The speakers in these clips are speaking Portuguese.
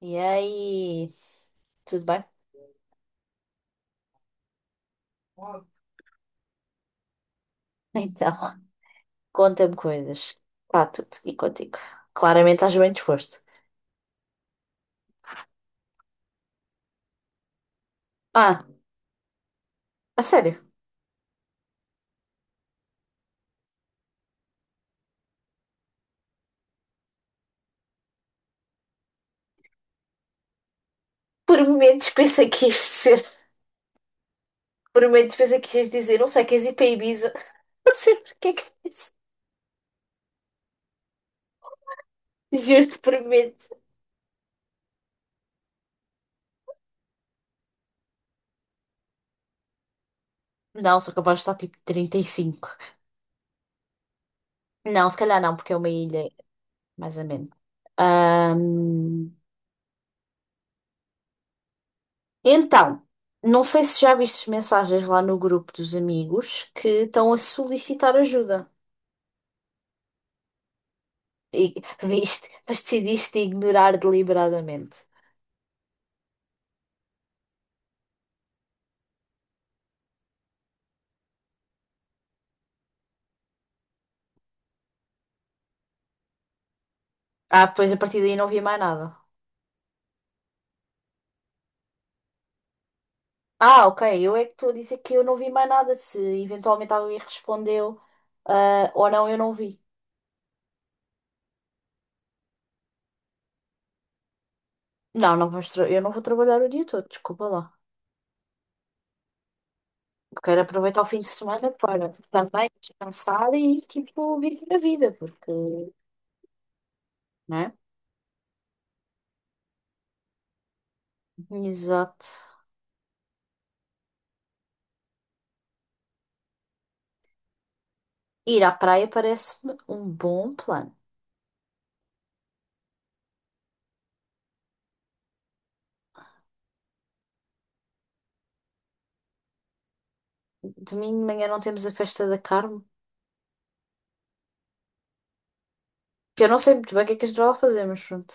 E aí, tudo bem? Então, conta-me coisas. Está tudo e contigo. Claramente estás bem disposto. Ah, a sério. Por momentos pensei que ias dizer. Por momentos pensei que ias dizer. Não sei, queres ir para Ibiza? Não sei porque é que eu disse. Juro-te, por momentos. Não, sou capaz de estar tipo 35. Não, se calhar não, porque é uma ilha, mais ou menos. Ahm, Então, não sei se já vistes mensagens lá no grupo dos amigos que estão a solicitar ajuda. E viste, mas decidiste ignorar deliberadamente. Ah, pois a partir daí não vi mais nada. Ah, ok, eu é que estou a dizer que eu não vi mais nada. Se eventualmente alguém respondeu, ah, ou não, eu não vi. Não, eu não vou trabalhar o dia todo, desculpa lá. Eu Quero aproveitar o fim de semana para também descansar e, tipo, viver a vida, porque, né? Exato. Ir à praia parece-me um bom plano. Domingo de manhã não temos a festa da Carmo, que eu não sei muito bem o que é que a gente vai lá fazer, mas pronto.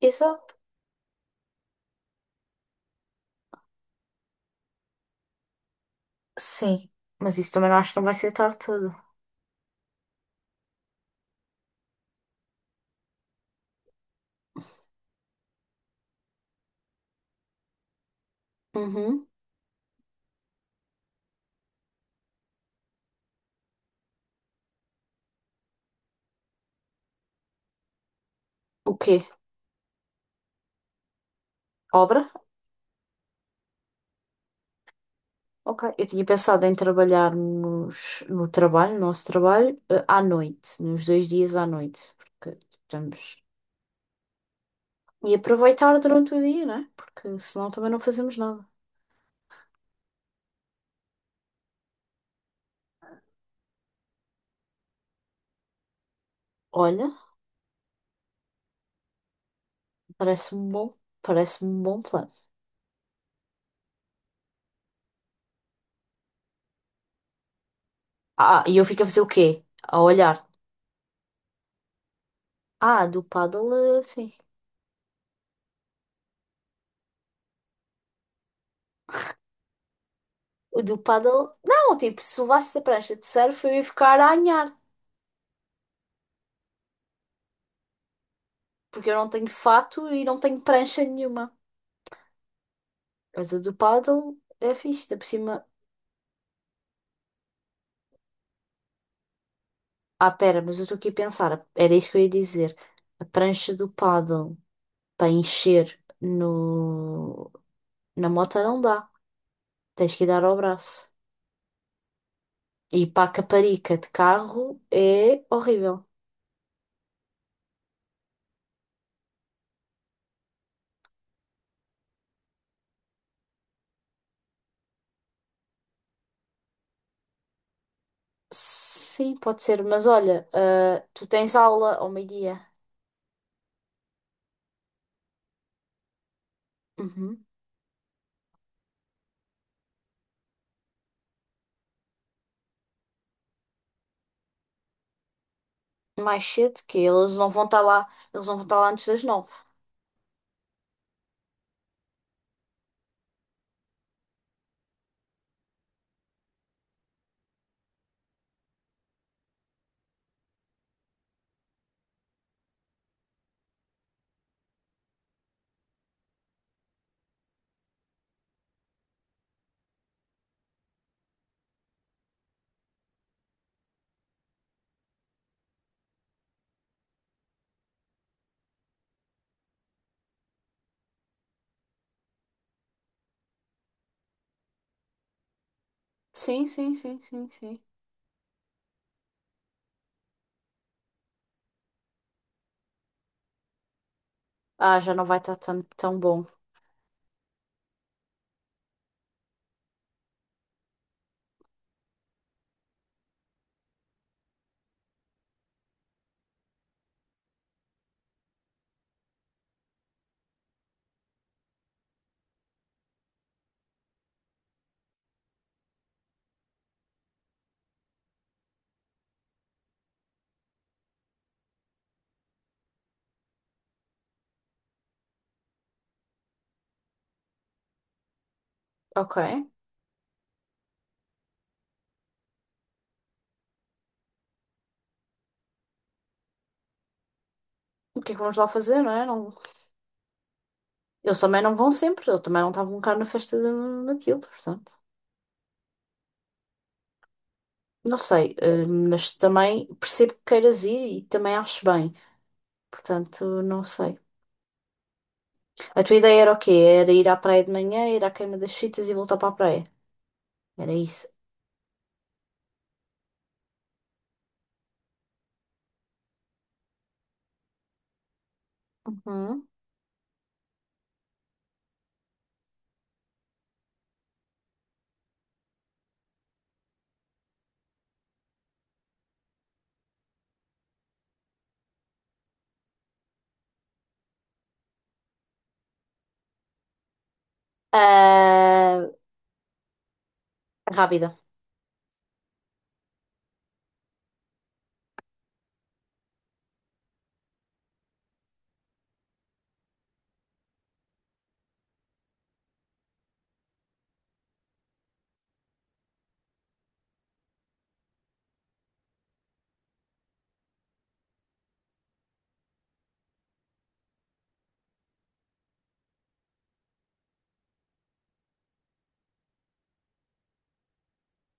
Exato. Sim. Mas isso também não acho que não vai ser tarde tudo. Uhum. O quê? Obra? Ok. Eu tinha pensado em trabalhar nos, no trabalho, no nosso trabalho, eh, à noite, nos dois dias à noite. Porque estamos. E aproveitar durante o dia, né? Porque senão também não fazemos nada. Olha, parece-me bom, parece-me um bom plano. Ah, e eu fico a fazer o quê? A olhar. Ah, do paddle, eh, sim. O do paddle. Não, tipo, se levasse a prancha de surf, eu ia ficar a anhar. Porque eu não tenho fato e não tenho prancha nenhuma. Mas a do paddle é fixe, ainda por cima. Ah, pera, mas eu estou aqui a pensar. Era isso que eu ia dizer. A prancha do paddle para encher no na moto não dá. Tens que dar ao braço. E para a caparica de carro é horrível. Sim, pode ser. Mas olha, ah, tu tens aula ao meio-dia. Uhum. Mais cedo que eles não vão estar lá. Eles não vão estar lá antes das nove. Sim, sim, sim, sim, sim. Ah, já não vai estar tão, tão bom. Ok. O que é que vamos lá fazer, não é? Não. Eles também não vão sempre. Eu também não estava um bocado na festa daquilo, portanto. Não sei, eh, mas também percebo que queiras ir e também acho bem. Portanto, não sei. A tua ideia era o quê? Era ir à praia de manhã, ir à queima das fitas e voltar para a praia. Era isso. Uhum. Ah, rápida.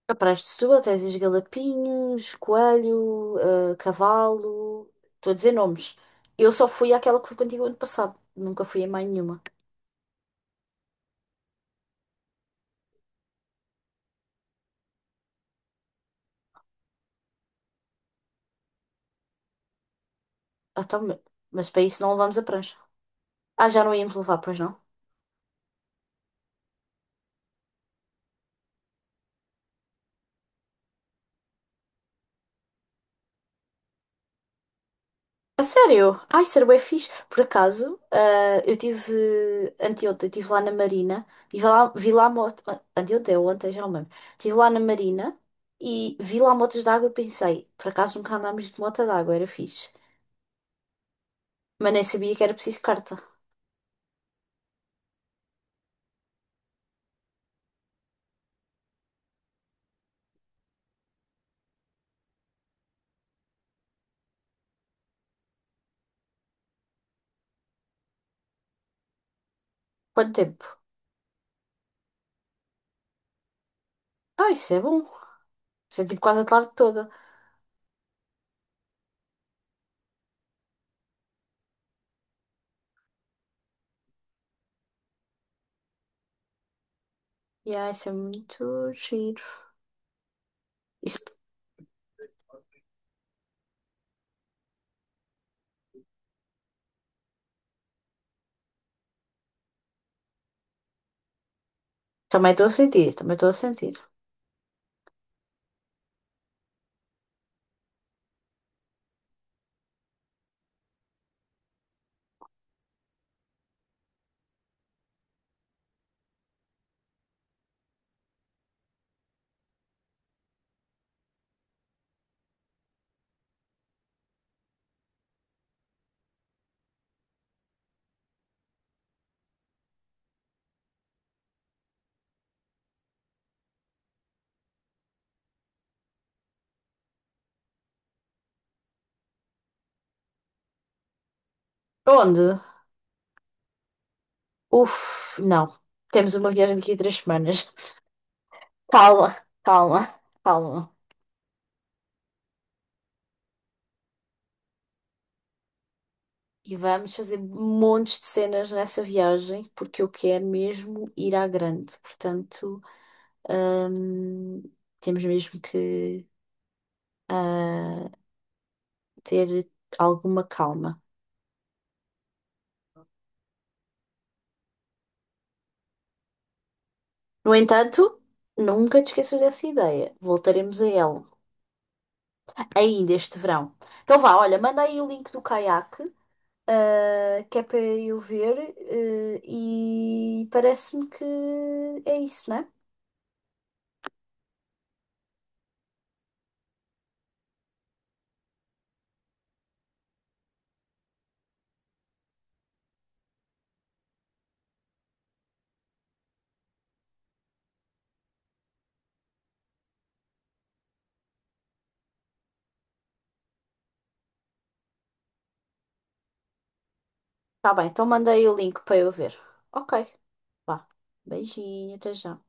A Praia de Setúbal tens os Galapinhos, Coelho, eh, Cavalo. Estou a dizer nomes. Eu só fui àquela que fui contigo ano passado. Nunca fui a mais nenhuma. Ah, então, mas para isso não levámos a prancha. Ah, já não íamos levar, pois não? A sério? Ai, ser bué fixe. Por acaso, eh, eu tive anteontem, estive lá na Marina e vi lá moto. Ah, anteontem ou ontem, já não me lembro. Estive lá na Marina e vi lá motos de água e pensei, por acaso nunca andámos de moto de água, era fixe. Mas nem sabia que era preciso carta. Quanto tempo? Ah, isso é bom. Isso é tipo quase a tarde toda. E ah, isso é muito giro. Isso também estou a sentir, também estou a sentir. Onde? Uf, não. Temos uma viagem daqui a 3 semanas. Calma, calma, calma. E vamos fazer montes de cenas nessa viagem, porque eu quero mesmo ir à grande. Portanto, hum, temos mesmo que ah, ter alguma calma. No entanto, nunca te esqueças dessa ideia. Voltaremos a ela ainda este verão. Então vá, olha, manda aí o link do caiaque, ah, que é para eu ver, eh, e parece-me que é isso, né? Tá bem, então manda aí o link para eu ver. Ok, vá. Beijinho, até já.